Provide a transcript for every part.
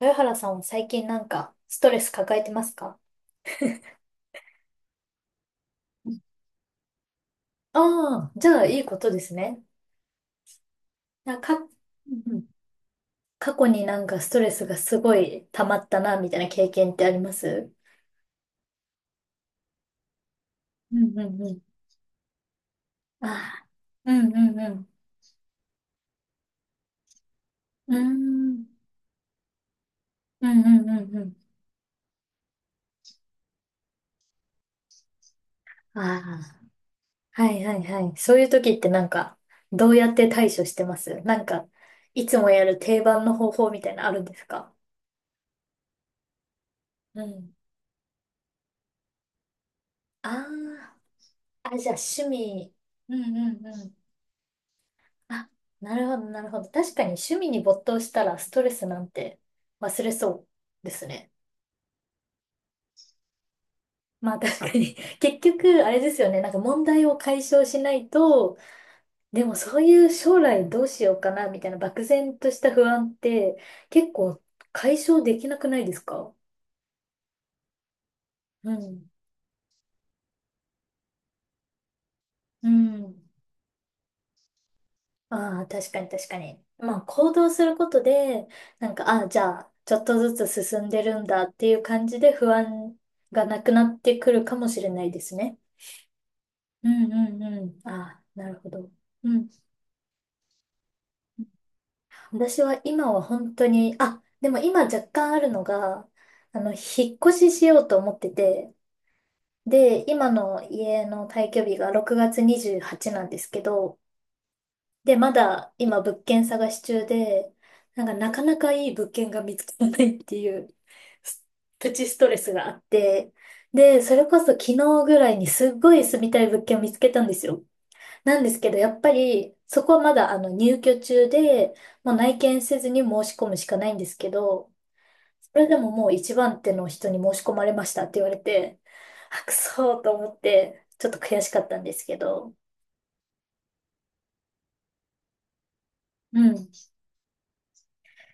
豊原さんは最近なんかストレス抱えてますか？ああー、じゃあいいことですね。なんか、うんうん。過去になんかストレスがすごい溜まったな、みたいな経験ってあります？うんうんうん。ああ、うんうんうん。うーん、うんうんうんうん。ああ、はいはいはい。そういう時ってなんか、どうやって対処してます？なんか、いつもやる定番の方法みたいなのあるんですか？うん。ああ、あ、じゃあ趣味。うんうんうん。あ、なるほど、なるほど。確かに趣味に没頭したらストレスなんて忘れそうですね。まあ確かに 結局、あれですよね。なんか問題を解消しないと。でもそういう将来どうしようかなみたいな漠然とした不安って結構解消できなくないですか？うん。うん。ああ、確かに確かに。まあ、行動することで、なんか、ああ、じゃあ、ちょっとずつ進んでるんだっていう感じで不安がなくなってくるかもしれないですね。うんうんうん。ああ、なるほど。うん。私は今は本当に、あ、でも今若干あるのが、あの、引っ越ししようと思ってて、で、今の家の退去日が6月28なんですけど、で、まだ今物件探し中で、なんかなかなかいい物件が見つからないっていう、すプチストレスがあって、で、それこそ昨日ぐらいにすっごい住みたい物件を見つけたんですよ。なんですけど、やっぱりそこはまだあの入居中で、もう内見せずに申し込むしかないんですけど、それでももう一番手の人に申し込まれましたって言われて、あ、くそーと思って、ちょっと悔しかったんですけど。うん。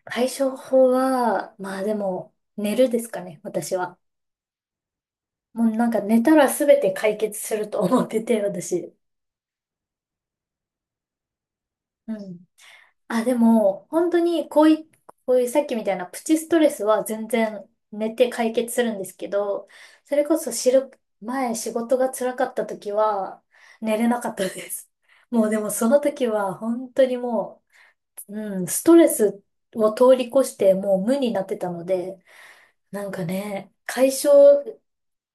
対処法は、まあでも、寝るですかね、私は。もうなんか寝たら全て解決すると思ってて、私。うん。あ、でも、本当にこういうさっきみたいなプチストレスは全然寝て解決するんですけど、それこそ前仕事が辛かった時は、寝れなかったです。もうでもその時は、本当にもう、うん、ストレスを通り越してもう無になってたので、なんかね、解消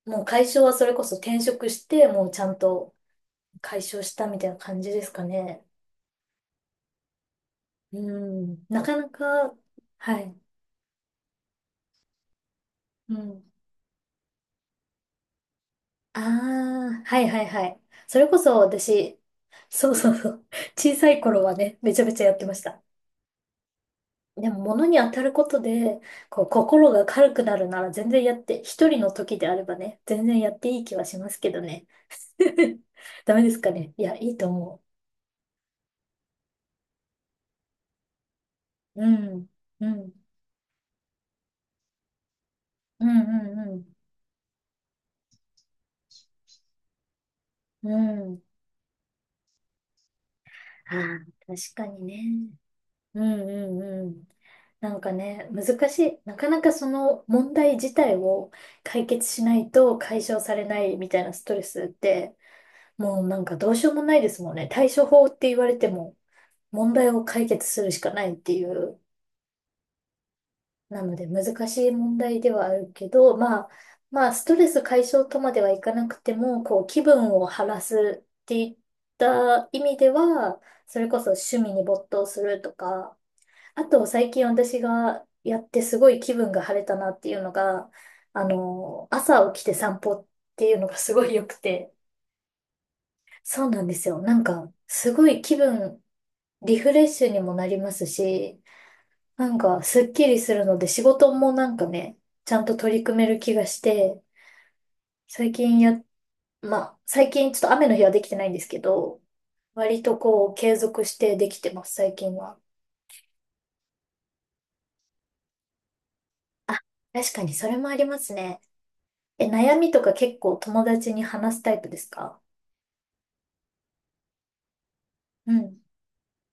もう解消はそれこそ転職して、もうちゃんと解消したみたいな感じですかね。うん。なかなか、はい。うん。ああ、はいはいはい。それこそ私、そうそうそう。小さい頃はね、めちゃめちゃやってました。でも物に当たることで、こう、心が軽くなるなら全然やって、一人の時であればね、全然やっていい気はしますけどね。ダメですかね。いや、いいと思う。うん。うん。うんうんうん。うん。ああ、確かにね。うんうんうん。なんかね、難しい。なかなかその問題自体を解決しないと解消されないみたいなストレスって、もうなんかどうしようもないですもんね。対処法って言われても、問題を解決するしかないっていう。なので難しい問題ではあるけど、まあ、まあ、ストレス解消とまではいかなくても、こう、気分を晴らすっていった意味では、それこそ趣味に没頭するとか、あと、最近私がやってすごい気分が晴れたなっていうのが、あの、朝起きて散歩っていうのがすごい良くて。そうなんですよ。なんか、すごい気分、リフレッシュにもなりますし、なんか、すっきりするので、仕事もなんかね、ちゃんと取り組める気がして、最近や、まあ、最近ちょっと雨の日はできてないんですけど、割とこう、継続してできてます、最近は。あ、確かにそれもありますね。え、悩みとか結構友達に話すタイプですか？うん。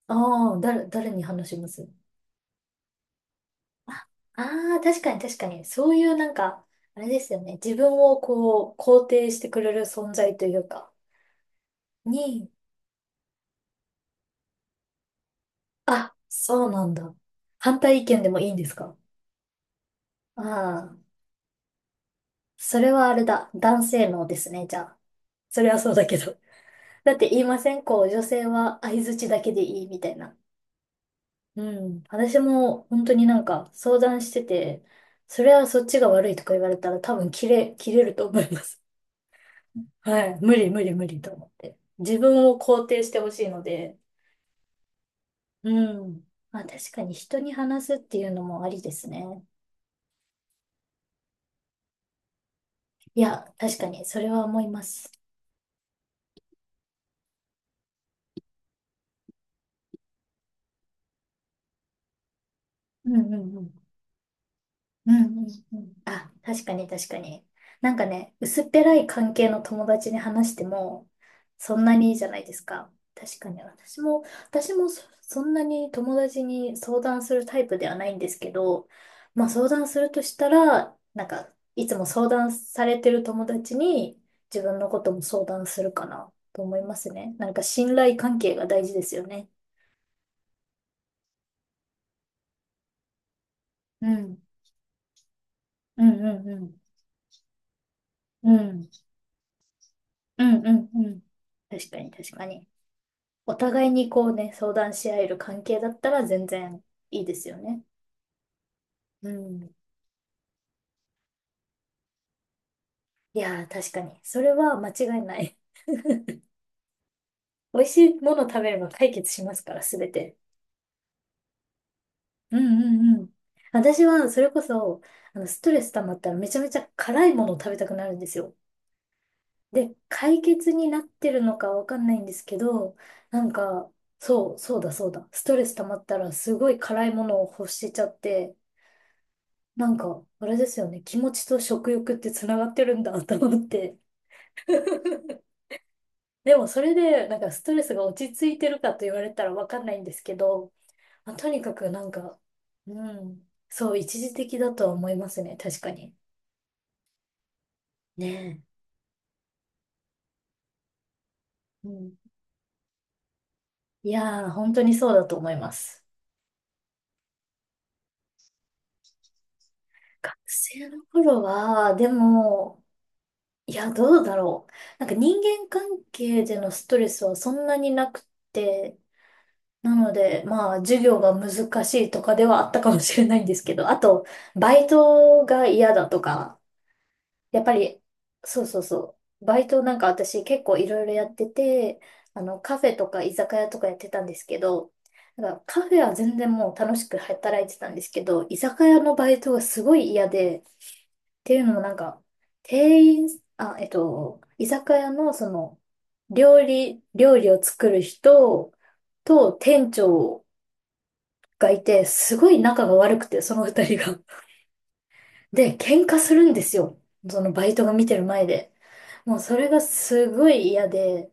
ああ、誰、誰に話します？ああー、確かに確かに。そういうなんか、あれですよね。自分をこう、肯定してくれる存在というか、に、あ、そうなんだ。反対意見でもいいんですか？ああ、それはあれだ。男性のですね、じゃあ。それはそうだけど。だって言いませんこう、女性は相槌だけでいいみたいな。うん。私も本当になんか相談してて、それはそっちが悪いとか言われたら多分切れると思います。はい。無理無理無理と思って。自分を肯定してほしいので。うん。まあ確かに人に話すっていうのもありですね。いや、確かにそれは思います。うんうんうん。うんうんうん。あ、確かに確かに。なんかね、薄っぺらい関係の友達に話しても、そんなにいいじゃないですか。確かに私も、そんなに友達に相談するタイプではないんですけど、まあ相談するとしたら、なんか、いつも相談されてる友達に自分のことも相談するかなと思いますね。なんか信頼関係が大事ですよね。うん。うんうんうん。うん。うんうんうん。確かに確かに。お互いにこうね、相談し合える関係だったら全然いいですよね。うん。いやー、確かに。それは間違いない。美味しいもの食べれば解決しますから、すべて。うんうんうん。私は、それこそ、あの、ストレス溜まったらめちゃめちゃ辛いものを食べたくなるんですよ。で、解決になってるのかわかんないんですけど、なんか、そうだそうだ。ストレス溜まったらすごい辛いものを欲しちゃって、なんか、あれですよね。気持ちと食欲ってつながってるんだと思って。でもそれで、なんかストレスが落ち着いてるかと言われたらわかんないんですけど、まあ、とにかくなんか、うん、そう、一時的だとは思いますね。確かに。ねえ。うん、いやー、本当にそうだと思います。学生の頃は、でも、いや、どうだろう。なんか人間関係でのストレスはそんなになくて、なので、まあ、授業が難しいとかではあったかもしれないんですけど、あと、バイトが嫌だとか、やっぱり、そうそうそう、バイトなんか私結構いろいろやってて、あの、カフェとか居酒屋とかやってたんですけど、なんかカフェは全然もう楽しく働いてたんですけど、居酒屋のバイトがすごい嫌で、っていうのもなんか、店員、居酒屋のその、料理を作る人と店長がいて、すごい仲が悪くて、その二人が。で、喧嘩するんですよ。そのバイトが見てる前で。もうそれがすごい嫌で、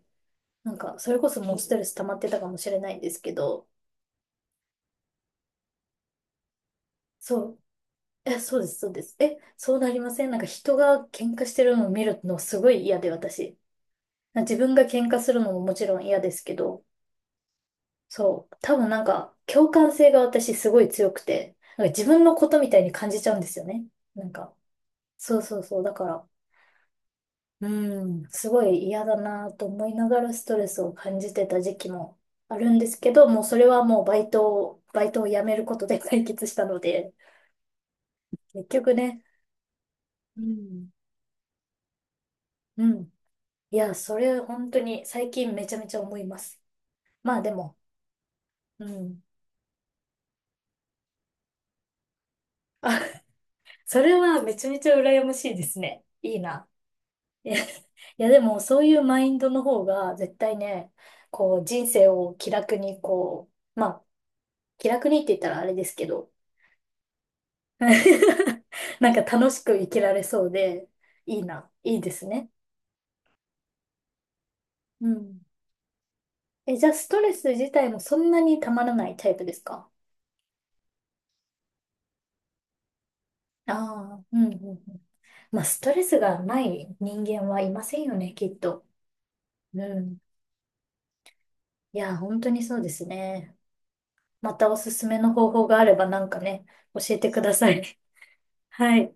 なんか、それこそもうストレス溜まってたかもしれないんですけど、そう、え、そうです、そうです。え、そうなりません？なんか人が喧嘩してるのを見るのすごい嫌で、私。自分が喧嘩するのももちろん嫌ですけど、そう、多分なんか、共感性が私すごい強くて、なんか自分のことみたいに感じちゃうんですよね。なんか、そうそうそう、だから、うん、すごい嫌だなと思いながらストレスを感じてた時期もあるんですけど、もうそれはもうバイトを辞めることで解決したので、結局ね、うん、うん。いや、それ本当に最近めちゃめちゃ思います。まあでも、うん。あ、それはめちゃめちゃ羨ましいですね。いいな。いや、いやでもそういうマインドの方が絶対ね、こう人生を気楽にこう、まあ気楽にって言ったらあれですけど、なんか楽しく生きられそうで、いいな、いいですね。うん。え、じゃあ、ストレス自体もそんなにたまらないタイプですか？ああうんうんうん。まあ、ストレスがない人間はいませんよね、きっと。うん。いや、本当にそうですね。またおすすめの方法があればなんかね、教えてください。はい。